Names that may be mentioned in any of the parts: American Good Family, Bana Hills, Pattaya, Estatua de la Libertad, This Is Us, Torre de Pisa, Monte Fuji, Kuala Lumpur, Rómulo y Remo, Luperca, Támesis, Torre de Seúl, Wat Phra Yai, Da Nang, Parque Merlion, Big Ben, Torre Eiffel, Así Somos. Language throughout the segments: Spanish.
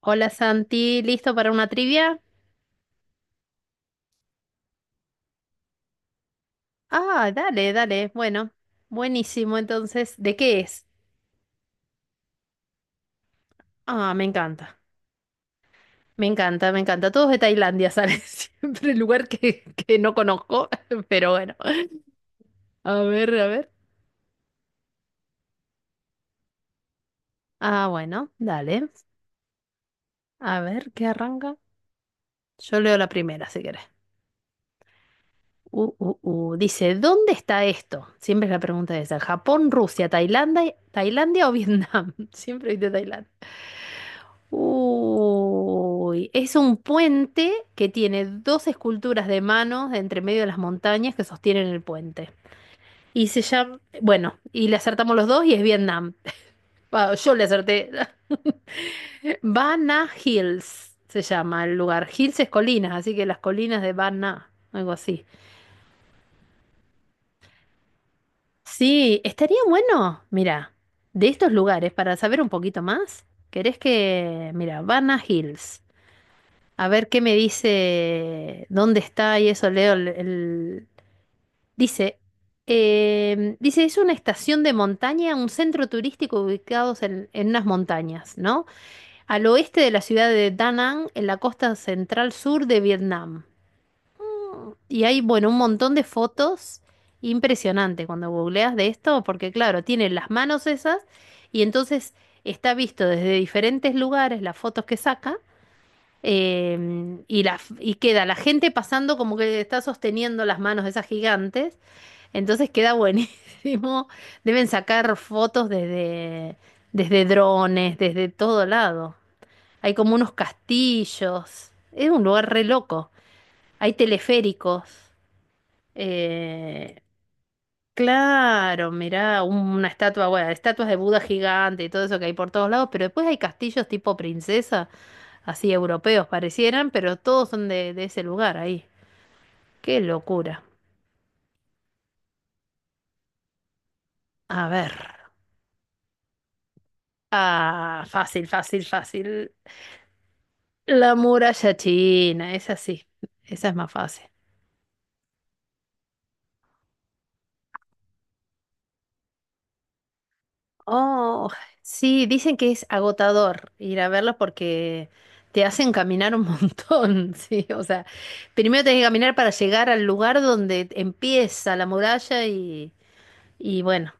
Hola Santi, ¿listo para una trivia? Ah, dale, dale. Bueno, buenísimo. Entonces, ¿de qué es? Ah, me encanta, me encanta, me encanta. Todos de Tailandia salen siempre el lugar que no conozco, pero bueno. A ver, a ver. Ah, bueno, dale. A ver, ¿qué arranca? Yo leo la primera, si querés. Uh, uh, Dice, ¿dónde está esto? Siempre es la pregunta esa. ¿Japón, Rusia, Tailandia o Vietnam? Siempre de Tailandia. Uy, es un puente que tiene dos esculturas de manos de entre medio de las montañas que sostienen el puente. Y se llama, bueno, y le acertamos los dos y es Vietnam. Ah, yo le acerté. Bana Hills se llama el lugar. Hills es colinas, así que las colinas de Bana, algo así. Sí, estaría bueno, mira, de estos lugares para saber un poquito más. ¿Querés que, mira, Bana Hills? A ver qué me dice dónde está y eso leo dice dice es una estación de montaña, un centro turístico ubicados en unas montañas, ¿no? Al oeste de la ciudad de Da Nang, en la costa central sur de Vietnam. Y hay, bueno, un montón de fotos impresionante cuando googleas de esto, porque claro, tienen las manos esas y entonces está visto desde diferentes lugares las fotos que saca. Y queda la gente pasando como que está sosteniendo las manos de esas gigantes. Entonces queda buenísimo. Deben sacar fotos desde drones, desde todo lado. Hay como unos castillos. Es un lugar re loco. Hay teleféricos. Eh, claro, mirá, una estatua, bueno, estatuas de Buda gigante y todo eso que hay por todos lados. Pero después hay castillos tipo princesa así europeos parecieran, pero todos son de ese lugar ahí. Qué locura. A ver. Ah, fácil, fácil, fácil. La muralla china, esa sí, esa es más fácil. Oh, sí, dicen que es agotador ir a verlos porque te hacen caminar un montón, sí, o sea, primero tenés que caminar para llegar al lugar donde empieza la muralla y bueno.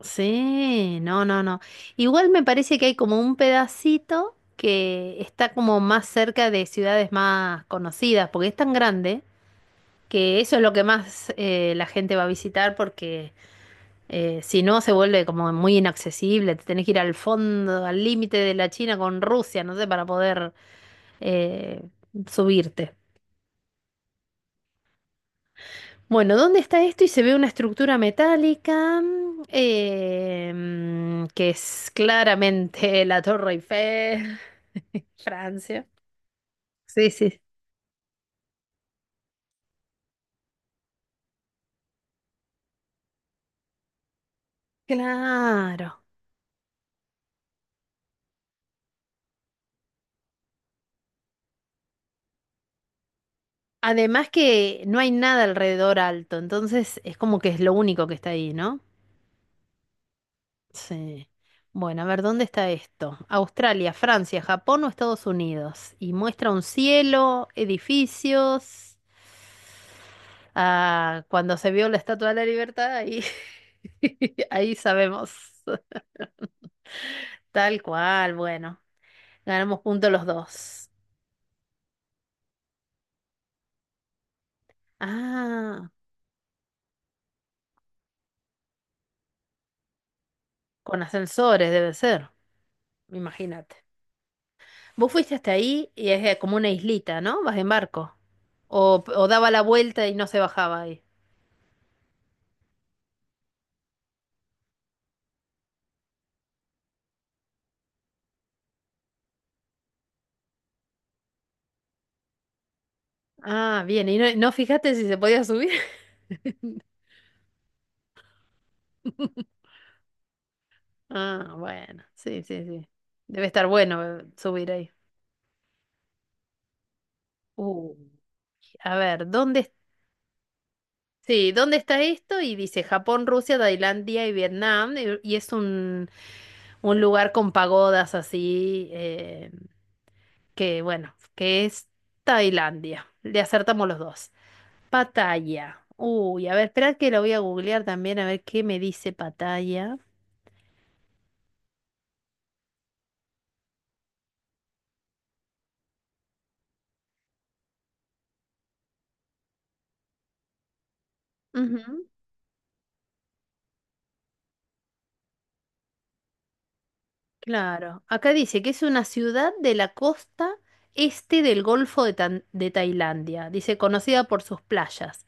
Sí, no, no, no. Igual me parece que hay como un pedacito que está como más cerca de ciudades más conocidas, porque es tan grande que eso es lo que más la gente va a visitar, porque si no se vuelve como muy inaccesible, te tenés que ir al fondo, al límite de la China con Rusia, no sé, para poder eh, subirte. Bueno, ¿dónde está esto? Y se ve una estructura metálica que es claramente la Torre Eiffel, Francia. Sí, sí. Claro. Además que no hay nada alrededor alto, entonces es como que es lo único que está ahí, ¿no? Sí. Bueno, a ver, ¿dónde está esto? Australia, Francia, Japón o Estados Unidos. Y muestra un cielo, edificios. Ah, cuando se vio la Estatua de la Libertad, ahí, ahí sabemos. Tal cual, bueno. Ganamos puntos los dos. Ah, con ascensores debe ser, imagínate. Vos fuiste hasta ahí y es como una islita, ¿no? Vas en barco. O daba la vuelta y no se bajaba ahí. Ah, bien, y no fijaste si se podía subir. Ah, bueno, sí, sí, sí. Debe estar bueno subir ahí. Uh, a ver, sí, ¿dónde está esto? Y dice Japón, Rusia, Tailandia y Vietnam. Y es un lugar con pagodas así, que bueno, que es Tailandia. Le acertamos los dos. Pattaya. Uy, a ver, espera que lo voy a googlear también a ver qué me dice Pattaya. Ujú. Claro, acá dice que es una ciudad de la costa este del Golfo de Tailandia, dice conocida por sus playas.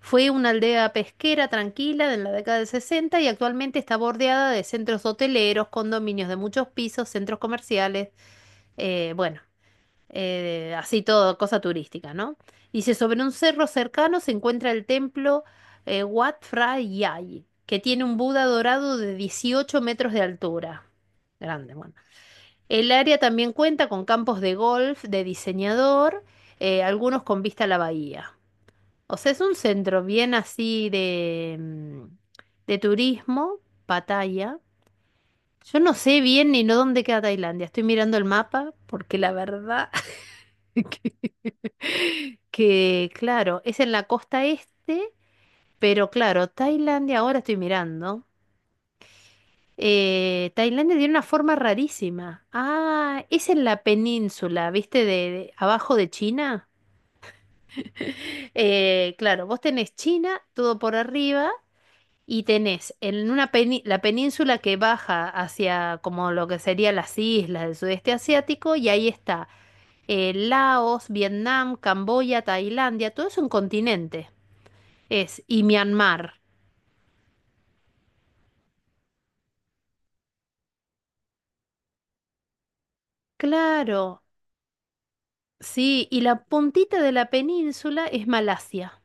Fue una aldea pesquera tranquila en la década del 60 y actualmente está bordeada de centros hoteleros, condominios de muchos pisos, centros comerciales, bueno, así todo, cosa turística, ¿no? Dice, sobre un cerro cercano se encuentra el templo Wat Phra Yai, que tiene un Buda dorado de 18 metros de altura. Grande, bueno. El área también cuenta con campos de golf de diseñador, algunos con vista a la bahía. O sea, es un centro bien así de turismo, Pattaya. Yo no sé bien ni no dónde queda Tailandia. Estoy mirando el mapa porque la verdad que, claro, es en la costa este, pero claro, Tailandia ahora estoy mirando. Tailandia tiene una forma rarísima. Ah, es en la península, ¿viste? De abajo de China. Claro, vos tenés China todo por arriba y tenés en la península que baja hacia como lo que serían las islas del sudeste asiático y ahí está Laos, Vietnam, Camboya, Tailandia, todo es un continente. Es y Myanmar. Claro, sí, y la puntita de la península es Malasia.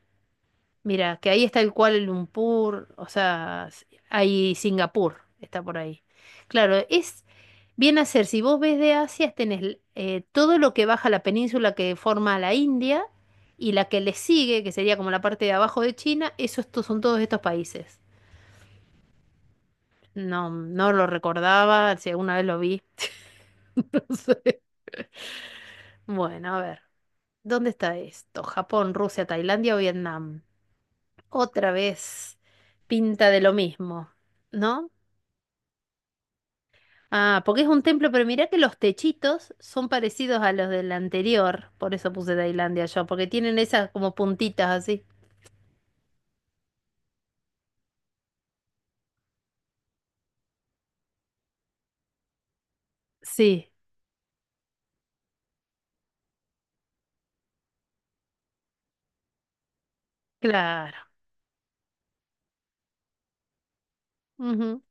Mira, que ahí está el Kuala Lumpur, o sea, hay Singapur, está por ahí. Claro, es bien a ser, si vos ves de Asia, tenés todo lo que baja la península que forma la India y la que le sigue, que sería como la parte de abajo de China, eso estos son todos estos países. No, no lo recordaba, si alguna vez lo vi, no sé. Bueno, a ver, ¿dónde está esto? ¿Japón, Rusia, Tailandia o Vietnam? Otra vez pinta de lo mismo, ¿no? Ah, porque es un templo, pero mirá que los techitos son parecidos a los del anterior, por eso puse Tailandia yo, porque tienen esas como puntitas así. Sí, claro. Ujú.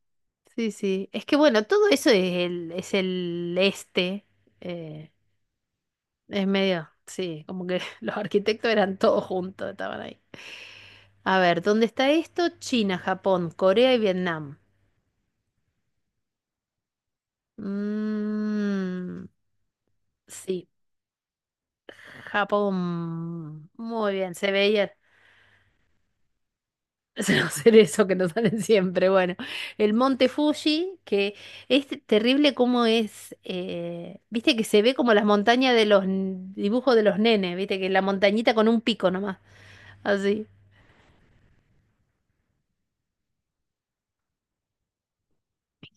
Sí, sí. Es que bueno, todo eso es es el este. eh, es medio, sí, como que los arquitectos eran todos juntos, estaban ahí. A ver, ¿dónde está esto? China, Japón, Corea y Vietnam. Mm, sí, Japón. Muy bien, se veía. Será hacer eso que nos salen siempre. Bueno, el Monte Fuji, que es terrible como es, viste que se ve como las montañas de los dibujos de los nenes, viste que la montañita con un pico nomás, así.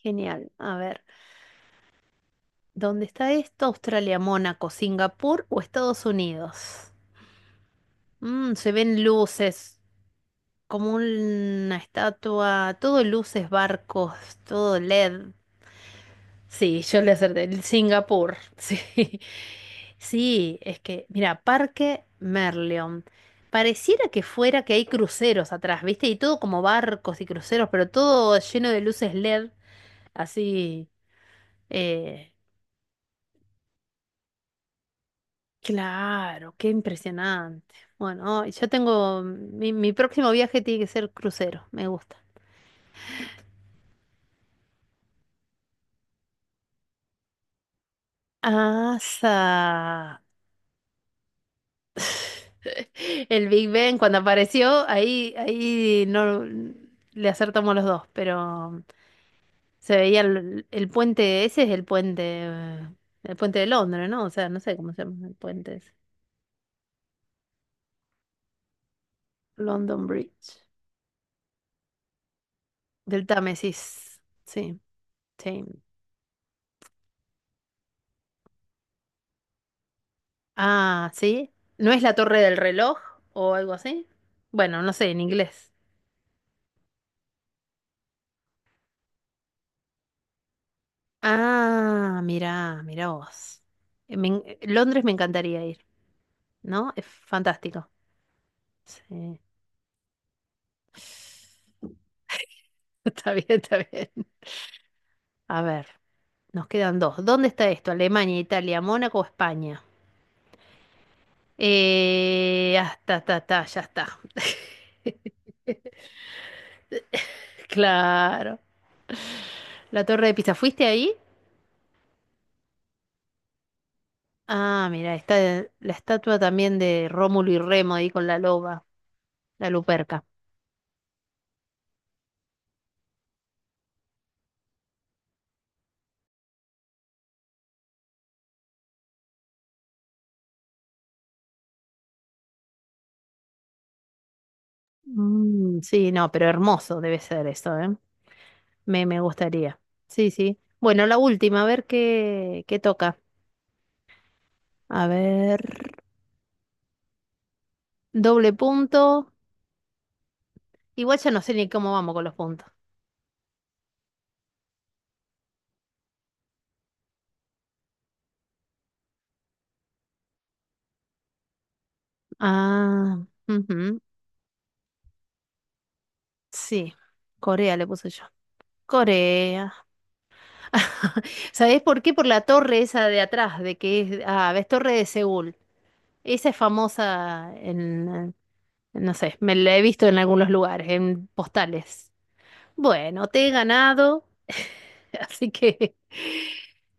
Genial. A ver, ¿dónde está esto? Australia, Mónaco, Singapur o Estados Unidos. Se ven luces, como una estatua, todo luces, barcos, todo LED. Sí, yo le acerté el Singapur. Sí. Sí, es que, mira, Parque Merlion. Pareciera que fuera que hay cruceros atrás, ¿viste? Y todo como barcos y cruceros, pero todo lleno de luces LED, así. eh, claro, qué impresionante. Bueno, ay, yo tengo. Mi próximo viaje tiene que ser crucero, me gusta. Asa. El Big Ben cuando apareció, ahí no le acertamos los dos, pero se veía el puente, ese es el puente de Londres, ¿no? O sea, no sé cómo se llama el puente ese. London Bridge, del Támesis, sí, sí. Ah, sí. ¿No es la torre del reloj o algo así? Bueno, no sé, en inglés. Ah, mirá, mirá vos. Londres me encantaría ir, ¿no? Es fantástico. Sí. Está bien, está bien. A ver, nos quedan dos. ¿Dónde está esto? ¿Alemania, Italia, Mónaco o España? Ya está. Claro. La Torre de Pisa, ¿fuiste ahí? Ah, mira, está la estatua también de Rómulo y Remo ahí con la loba, la Luperca. Mm, sí, no, pero hermoso debe ser eso, ¿eh? Me gustaría. Sí, sí. Bueno, la última, a ver qué toca. A ver, doble punto. Igual ya no sé ni cómo vamos con los puntos. Ah, ujú, sí. Corea le puse yo. Corea. ¿Sabés por qué? Por la torre esa de atrás, de que es, ah, ves, Torre de Seúl. Esa es famosa en, no sé, me la he visto en algunos lugares, en postales. Bueno, te he ganado, así que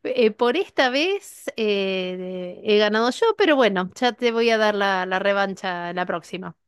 por esta vez he ganado yo, pero bueno, ya te voy a dar la revancha la próxima.